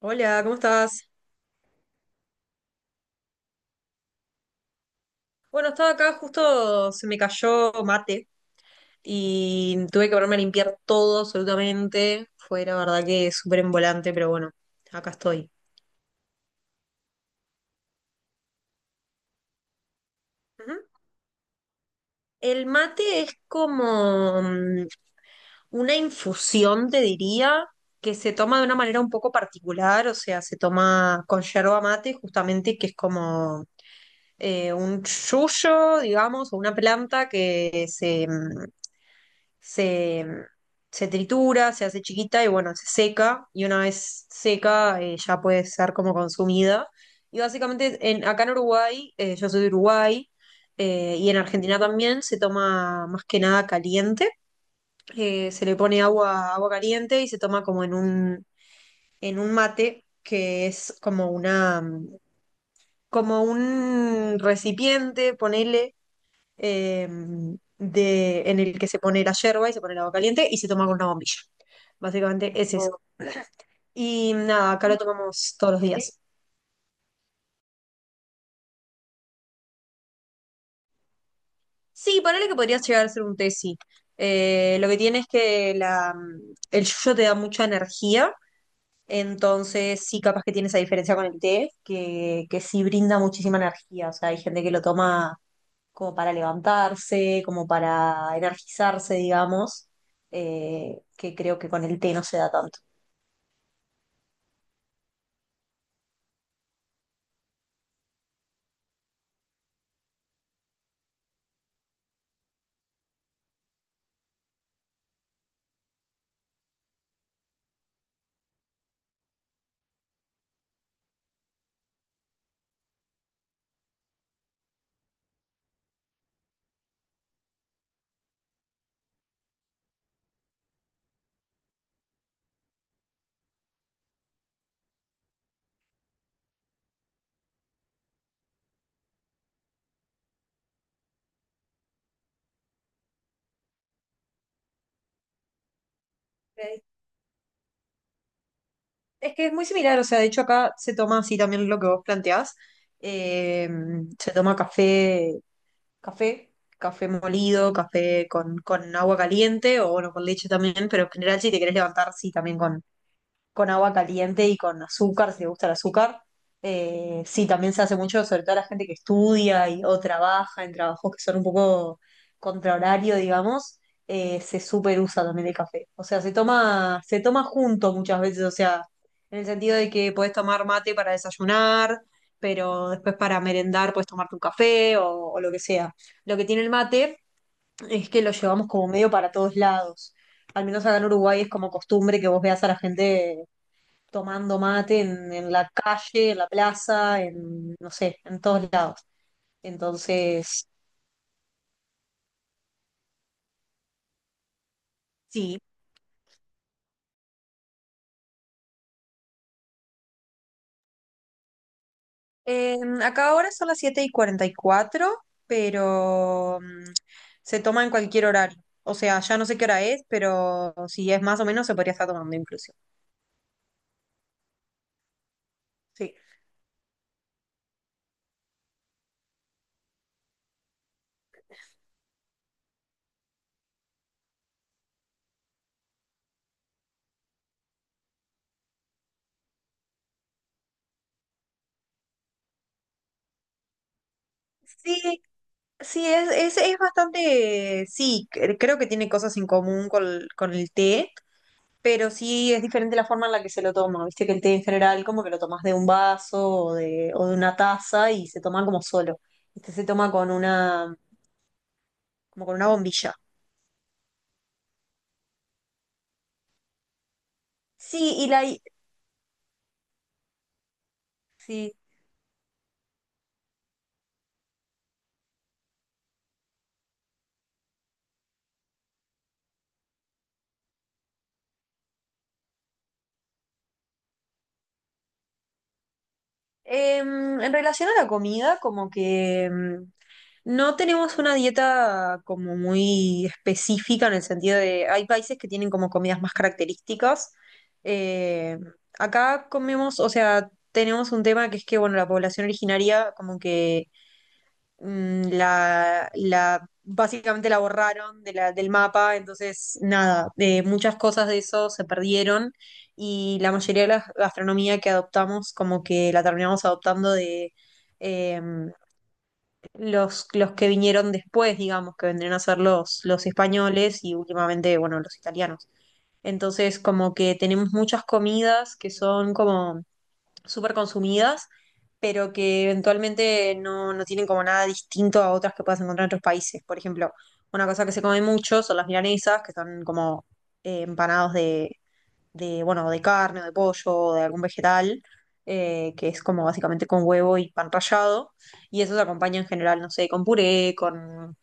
Hola, ¿cómo estás? Bueno, estaba acá, justo se me cayó mate y tuve que ponerme a limpiar todo absolutamente. Fue la verdad que súper volante, pero bueno, acá estoy. Ujú. El mate es como una infusión, te diría, que se toma de una manera un poco particular, o sea, se toma con yerba mate justamente, que es como un yuyo, digamos, o una planta que se, mm, se tritura, se hace chiquita y bueno, se seca y una vez seca ya puede ser como consumida. Y básicamente acá en Uruguay, yo soy de Uruguay, y en Argentina también se toma más que nada caliente. Se le pone agua, caliente y se toma como en un mate que es como como un recipiente, ponele, eh, en el que se pone la yerba y se pone el agua caliente y se toma con una bombilla. Básicamente es eso. Y nada, acá lo tomamos todos los días. Sí, ponele que podría llegar a ser un té, sí. Lo que tiene es que el yuyo te da mucha energía, entonces sí, capaz que tiene esa diferencia con el té, que sí brinda muchísima energía. O sea, hay gente que lo toma como para levantarse, como para energizarse, digamos, que creo que con el té no se da tanto. Ok. Es que es muy similar, o sea, de hecho acá se toma así también lo que vos planteás. eh, Se toma café, café molido, café con agua caliente o bueno, con leche también, pero en general si te querés levantar, sí, también con agua caliente y con azúcar, si le gusta el azúcar. Sí, también se hace mucho, sobre todo la gente que estudia y, o trabaja en trabajos que son un poco contra, digamos, se super usa también el café. O sea, se toma junto muchas veces, o sea, en el sentido de que podés tomar mate para desayunar, pero después para merendar podés tomarte un café o lo que sea. Lo que tiene el mate es que lo llevamos como medio para todos lados. Al menos acá en Uruguay es como costumbre que vos veas a la gente tomando mate en la calle, en la plaza, no sé, en todos lados. Entonces, sí. Eh, Acá ahora son las 7:44, pero se toma en cualquier horario. O sea, ya no sé qué hora es, pero si es más o menos se podría estar tomando incluso. Sí. Sí, sí, es bastante, sí, creo que tiene cosas en común con el té, pero sí es diferente la forma en la que se lo toma. Viste que el té en general como que lo tomas de un vaso o de una taza y se toma como solo. Este se toma con como con una bombilla. Sí, sí. Em, en relación a la comida, como que no tenemos una dieta como muy específica en el sentido de, hay países que tienen como comidas más características. Eh, Acá comemos, o sea, tenemos un tema que es que, bueno, la población originaria como que básicamente la borraron de del mapa, entonces nada, de muchas cosas de eso se perdieron y la mayoría de la gastronomía que adoptamos como que la terminamos adoptando de eh, los que vinieron después, digamos, que vendrían a ser los españoles y últimamente, bueno, los italianos. Entonces como que tenemos muchas comidas que son como súper consumidas, pero que eventualmente no tienen como nada distinto a otras que puedas encontrar en otros países. Por ejemplo, una cosa que se come mucho son las milanesas, que son como empanados bueno, de carne, o de pollo, o de algún vegetal, que es como básicamente con huevo y pan rallado, y eso se acompaña en general, no sé, con puré, con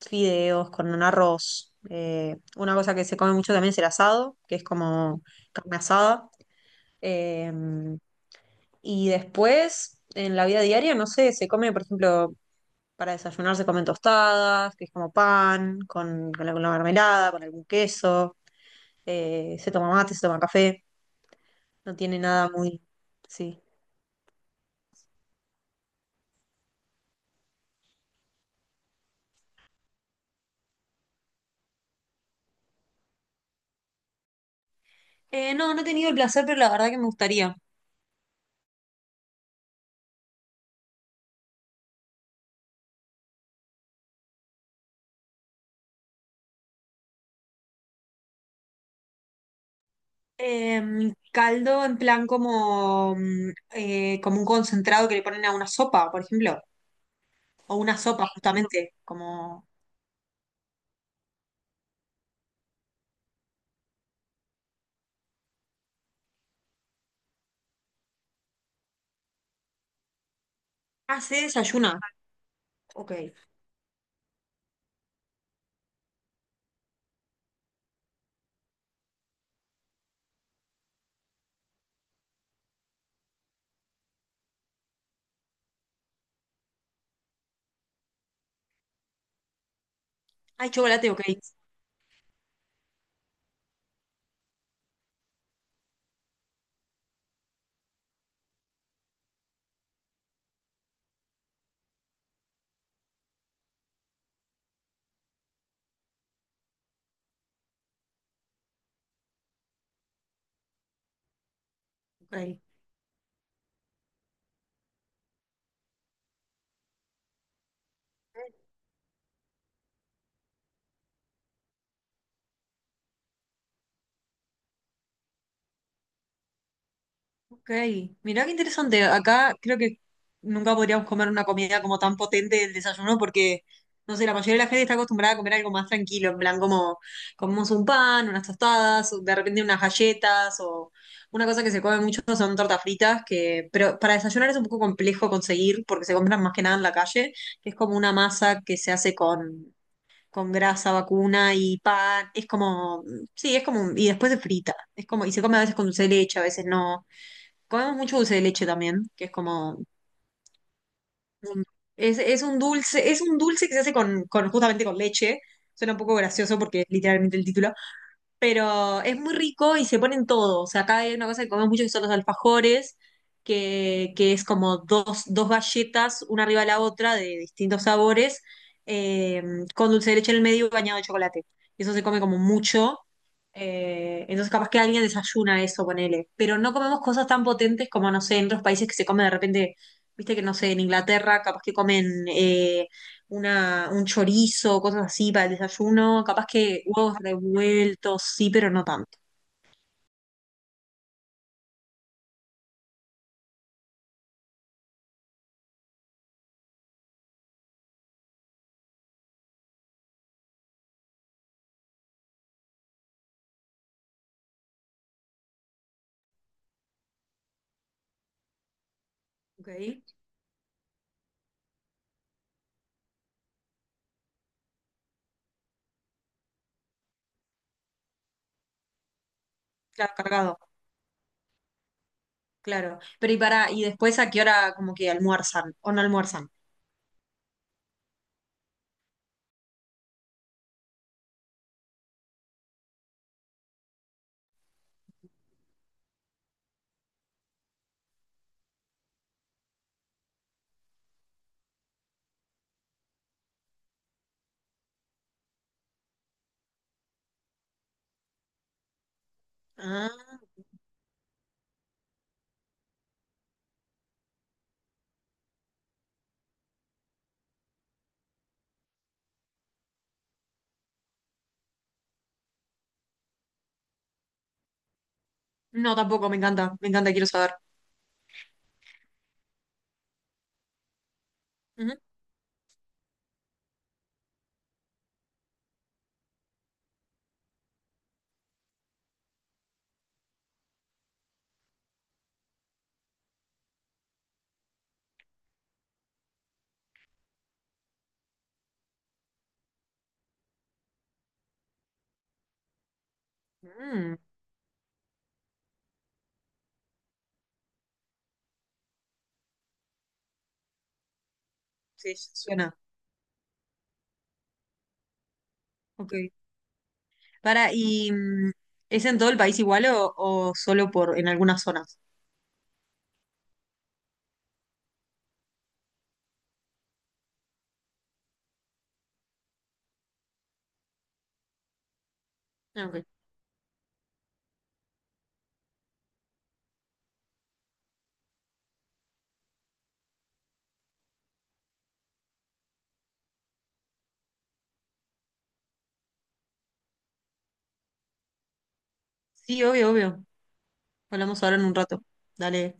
fideos, con un arroz. Una cosa que se come mucho también es el asado, que es como carne asada. Eh, y después, en la vida diaria, no sé, se come, por ejemplo, para desayunar se comen tostadas, que es como pan, con alguna mermelada, con algún queso, se toma mate, se toma café, no tiene nada muy... Sí. No, no he tenido el placer, pero la verdad que me gustaría. Em, caldo en plan como un concentrado que le ponen a una sopa, por ejemplo, o una sopa justamente, como... Ah, se desayuna, ok. Hay chocolate, ok. Ok. Ok, mirá qué interesante. Acá creo que nunca podríamos comer una comida como tan potente del desayuno porque, no sé, la mayoría de la gente está acostumbrada a comer algo más tranquilo, en plan como comemos un pan, unas tostadas, o de repente unas galletas o una cosa que se come mucho son tortas fritas, que, pero para desayunar es un poco complejo conseguir porque se compran más que nada en la calle, que es como una masa que se hace con grasa vacuna y pan. Es como, sí, es como, y después se frita. Es como, y se come a veces con dulce de leche, a veces no. Comemos mucho dulce de leche también, que es como un- es un dulce, es un dulce que se hace justamente con leche. Suena un poco gracioso porque es literalmente el título, pero es muy rico y se ponen todo. O sea, acá hay una cosa que comemos mucho que son los alfajores, que es como dos galletas, una arriba de la otra, de distintos sabores, eh, con dulce de leche en el medio y bañado de chocolate. Y eso se come como mucho. Entonces capaz que alguien desayuna eso, ponele. Pero no comemos cosas tan potentes como, no sé, en otros países que se come de repente, viste que no sé, en Inglaterra capaz que comen un chorizo, cosas así para el desayuno, capaz que huevos revueltos, sí, pero no tanto. ¿Ok? Claro, cargado, claro. Pero y después a qué hora como que almuerzan o no almuerzan. Ah, no, tampoco, me encanta, quiero saber. Ujú. Mm, sí, suena. Ok. Para, y mm, ¿Es en todo el país igual o, solo por en algunas zonas? Ah, ok. Sí, obvio, obvio. Hablamos ahora en un rato. Dale.